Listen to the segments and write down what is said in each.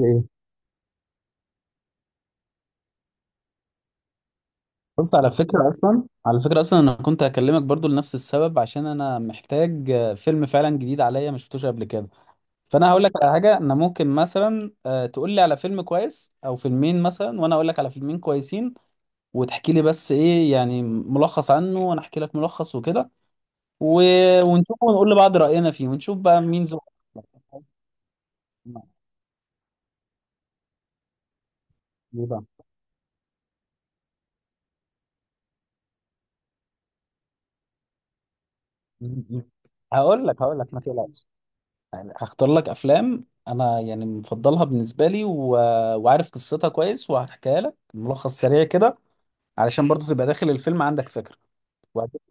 ايه. بص، على فكرة أصلا أنا كنت هكلمك برضو لنفس السبب عشان أنا محتاج فيلم فعلا جديد عليا ما شفتوش قبل كده. فأنا هقول لك على حاجة. أنا ممكن مثلا تقول لي على فيلم كويس أو فيلمين مثلا، وأنا أقول لك على فيلمين كويسين، وتحكي لي بس إيه يعني ملخص عنه، وأنا أحكي لك ملخص وكده و... ونشوف، ونقول لبعض رأينا فيه، ونشوف بقى مين ذوقك أكتر. إيه بقى؟ هقول لك ما تقلقش. يعني هختار لك افلام انا يعني مفضلها بالنسبه لي وعارف قصتها كويس، وهحكيها لك ملخص سريع كده علشان برضو تبقى داخل الفيلم عندك فكره. وبعدين-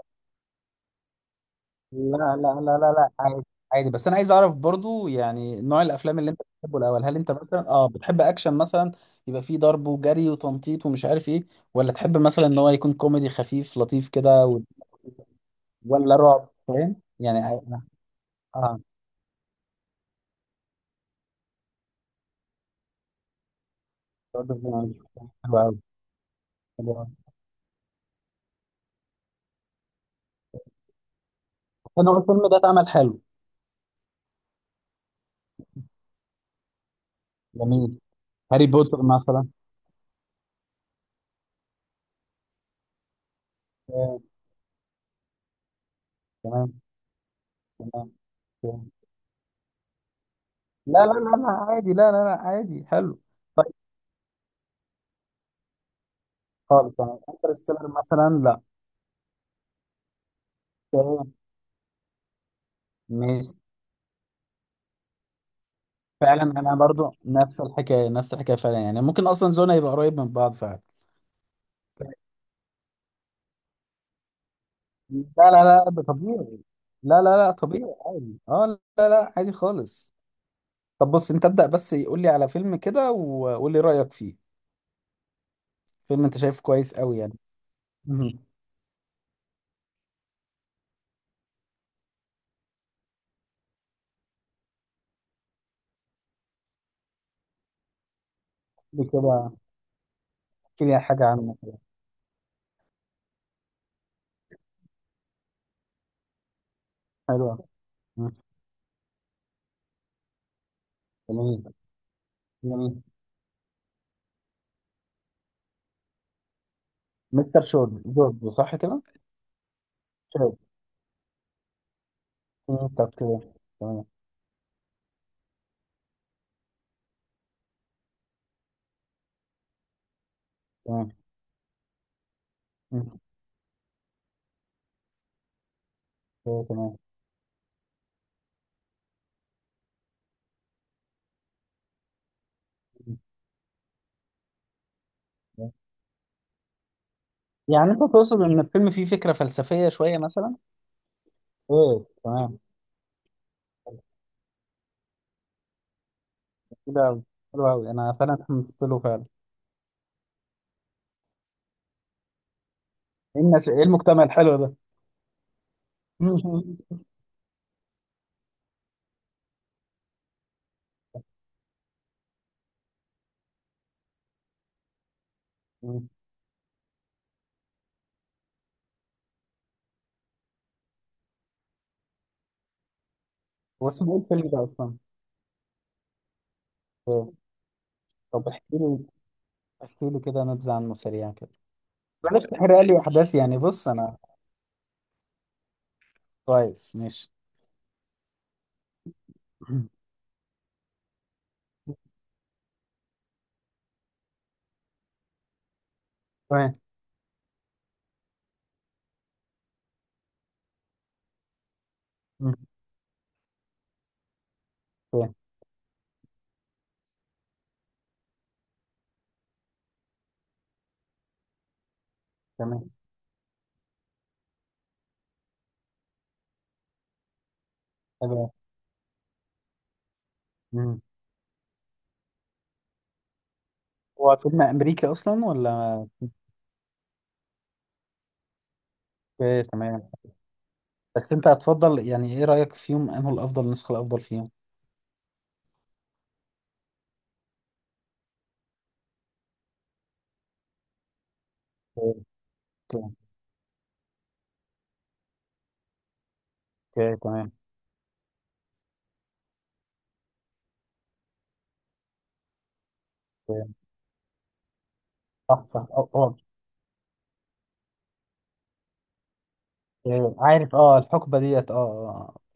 لا. لا لا لا لا، عادي. عادي، بس انا عايز اعرف برضو يعني نوع الافلام اللي انت بتحبه الاول. هل انت مثلا بتحب اكشن مثلا، يبقى فيه ضرب وجري وتنطيط ومش عارف ايه، ولا تحب مثلا ان هو يكون كوميدي خفيف لطيف كده ولا رعب؟ فاهم يعني. اه. آه، برضو زي ما قلت. حلو قوي. حلو قوي. انا هو الفيلم ده اتعمل حلو. جميل. هاري بوتر مثلا. تمام. تمام. تمام. تمام. لا لا لا لا، عادي. لا لا لا، عادي، حلو. طيب. خالص، تمام. انترستيلر مثلا؟ لا. تمام. ماشي. فعلا انا برضو نفس الحكايه نفس الحكايه، فعلا يعني ممكن اصلا زون هيبقى قريب من بعض فعلا. لا لا لا، ده طبيعي. لا لا لا، طبيعي عادي، اه. لا لا، عادي خالص. طب بص، انت ابدأ بس. قول لي على فيلم كده، وقول لي رأيك فيه. فيلم انت شايفه كويس قوي يعني مهم. قول لي كده. احكي لي حاجة عنه كده. حلوة. مم. جميل. جميل. مستر شورد جورج، صح كده؟ شورد. مستر كده. تمام. تمام. مم. كده تمام. مم. يعني انت تقصد ان الفيلم فيه فكرة فلسفية شوية مثلا؟ ايه تمام. كده أوي. حلو قوي، انا فعلا اتحمست له فعلا. ايه الناس، ايه المجتمع الحلو ده؟ مم. مم. هو اسمه ايه الفيلم ده اصلا؟ ايه. طب احكي لي. احكي لي كده نبذة عنه سريعا كده. بلاش تحرق لي احداث، يعني بص انا. كويس، ماشي. مم. تمام. مم. تمام. تمام. تمام. هو فيلم امريكي اصلا ولا؟ اوكي، تمام. بس انت هتفضل يعني، ايه رايك فيهم؟ انه الافضل، النسخه الافضل فيهم؟ اوكي. اوكي تمام. اوكي. صح صح، اه اه. اوكي. عارف، اه الحقبه ديت، اه اه. آه،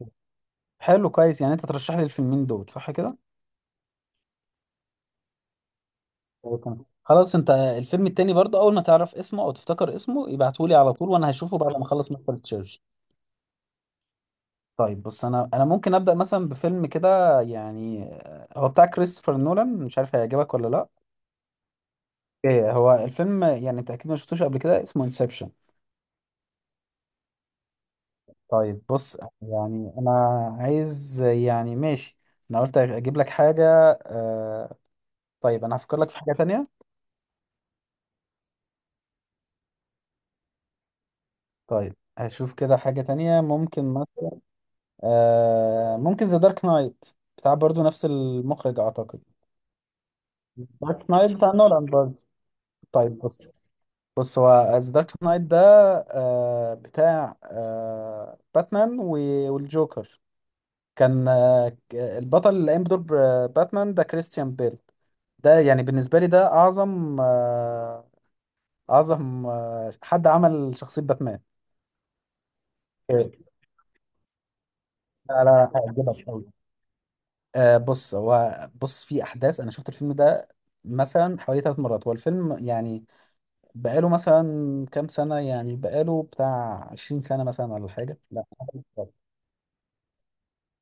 حلو، كويس. يعني انت ترشح لي الفيلمين دول صح كده. اوكي، تمام، خلاص. انت الفيلم التاني برضه، اول ما تعرف اسمه او تفتكر اسمه، ابعته لي على طول، وانا هشوفه بعد ما اخلص مستر تشيرش. طيب بص، انا ممكن ابدا مثلا بفيلم كده يعني، هو بتاع كريستوفر نولان، مش عارف هيعجبك ولا لا. ايه، هو الفيلم يعني انت اكيد ما شفتوش قبل كده، اسمه انسبشن. طيب بص، يعني انا عايز يعني ماشي. انا قلت اجيب لك حاجة. آه. طيب انا هفكر لك في حاجة تانية. طيب هشوف كده حاجة تانية. ممكن مثلا ممكن ذا دارك نايت، بتاع برضو نفس المخرج اعتقد. دارك نايت بتاع نولان برضو. طيب بص. بص، هو ذا دارك نايت ده، آه بتاع باتمان والجوكر. كان البطل اللي قام بدور باتمان ده كريستيان بيل. ده يعني بالنسبة لي ده أعظم أعظم حد عمل شخصية باتمان. إيه. لا لا، هيعجبك قوي. بص هو، بص في أحداث. أنا شفت الفيلم ده مثلا حوالي ثلاث مرات. هو الفيلم يعني بقاله مثلا كام سنة؟ يعني بقاله بتاع 20 سنة مثلا ولا حاجة؟ لا.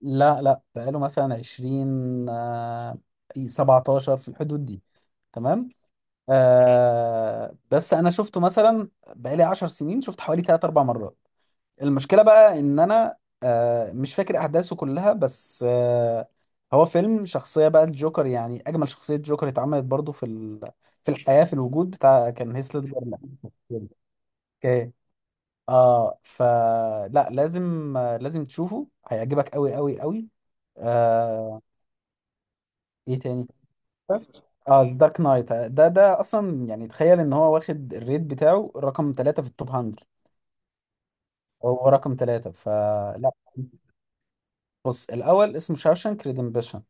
لا لا، بقاله مثلا 20، 17، في الحدود دي. تمام. آه، بس انا شفته مثلا بقالي 10 سنين، شفت حوالي تلات اربع مرات. المشكله بقى ان انا آه مش فاكر احداثه كلها، بس آه هو فيلم شخصيه بقى الجوكر يعني اجمل شخصيه جوكر اتعملت برضو في الحياه، في الوجود بتاع، كان هيث ليدجر. لا. اوكي. اه، فلا لازم، لازم تشوفه، هيعجبك قوي قوي قوي. آه. ايه تاني؟ بس اه، دارك نايت ده، ده اصلا يعني تخيل ان هو واخد الريت بتاعه رقم 3 في التوب 100. هو رقم 3، فلا. بص الاول اسمه شاوشانك ريدمبشن.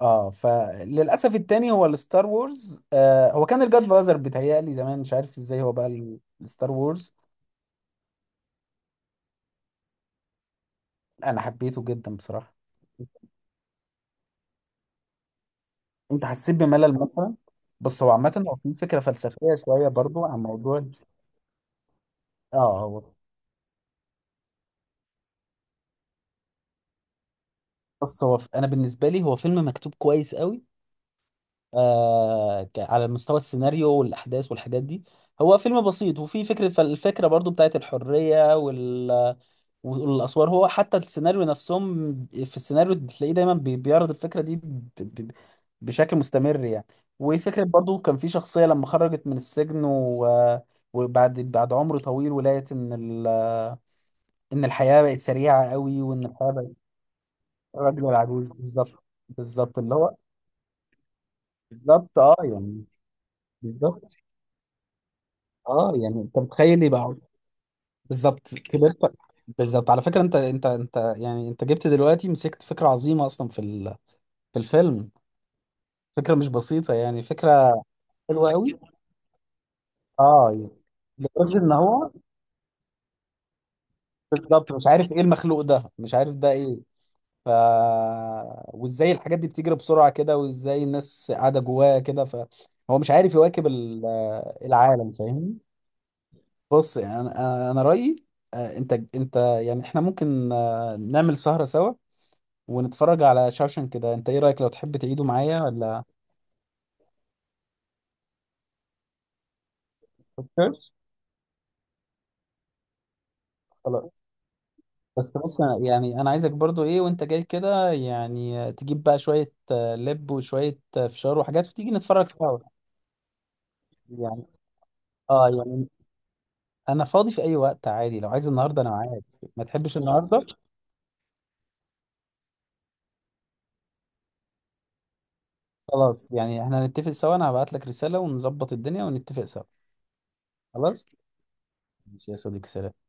اه، فللاسف التاني هو الستار وورز. آه، هو كان الجاد فازر، بيتهيألي زمان مش عارف ازاي هو بقى الستار وورز. انا حبيته جدا بصراحة. انت حسيت بملل مثلا؟ بص هو عامة، هو في فكرة فلسفية شوية برضو عن موضوع. اه هو. بص هو انا بالنسبة لي هو فيلم مكتوب كويس قوي. آه، على مستوى السيناريو والاحداث والحاجات دي. هو فيلم بسيط، وفي فكره، فالفكره برضو بتاعت الحريه والاسوار. هو حتى السيناريو نفسهم، في السيناريو تلاقيه دايما بيعرض الفكره دي بشكل مستمر يعني. وفكره برضو، كان في شخصيه لما خرجت من السجن وبعد عمر طويل، ولقيت ان ان الحياه بقت سريعه قوي، وان الحياه بقت. الراجل والعجوز بالظبط. بالظبط اللي هو. بالظبط. اه يعني. بالظبط. اه يعني انت متخيل يبقى. بالظبط كبرت. بالظبط. على فكره انت، انت يعني انت جبت دلوقتي مسكت فكره عظيمه اصلا في الفيلم. فكره مش بسيطه يعني، فكره حلوه قوي. اه يعني لدرجه ان هو بالظبط مش عارف ايه المخلوق ده، مش عارف ده ايه. ف وازاي الحاجات دي بتجري بسرعه كده، وازاي الناس قاعده جواها كده، فهو مش عارف يواكب العالم، فاهمني. بص يعني انا رايي، انت، يعني احنا ممكن نعمل سهره سوا ونتفرج على شاوشن كده. انت ايه رأيك، لو تحب تعيده معايا ولا؟ خلاص. خلاص. بس بص، يعني انا عايزك برضو ايه، وانت جاي كده، يعني تجيب بقى شوية لب، وشوية فشار، وحاجات، وتيجي نتفرج سوا. يعني، اه يعني انا فاضي في اي وقت عادي. لو عايز النهارده انا معاك. ما تحبش النهارده؟ خلاص، يعني احنا هنتفق سوا. انا هبعت لك رسالة، ونظبط الدنيا، ونتفق سوا. خلاص. ماشي يا صديقي، سلام.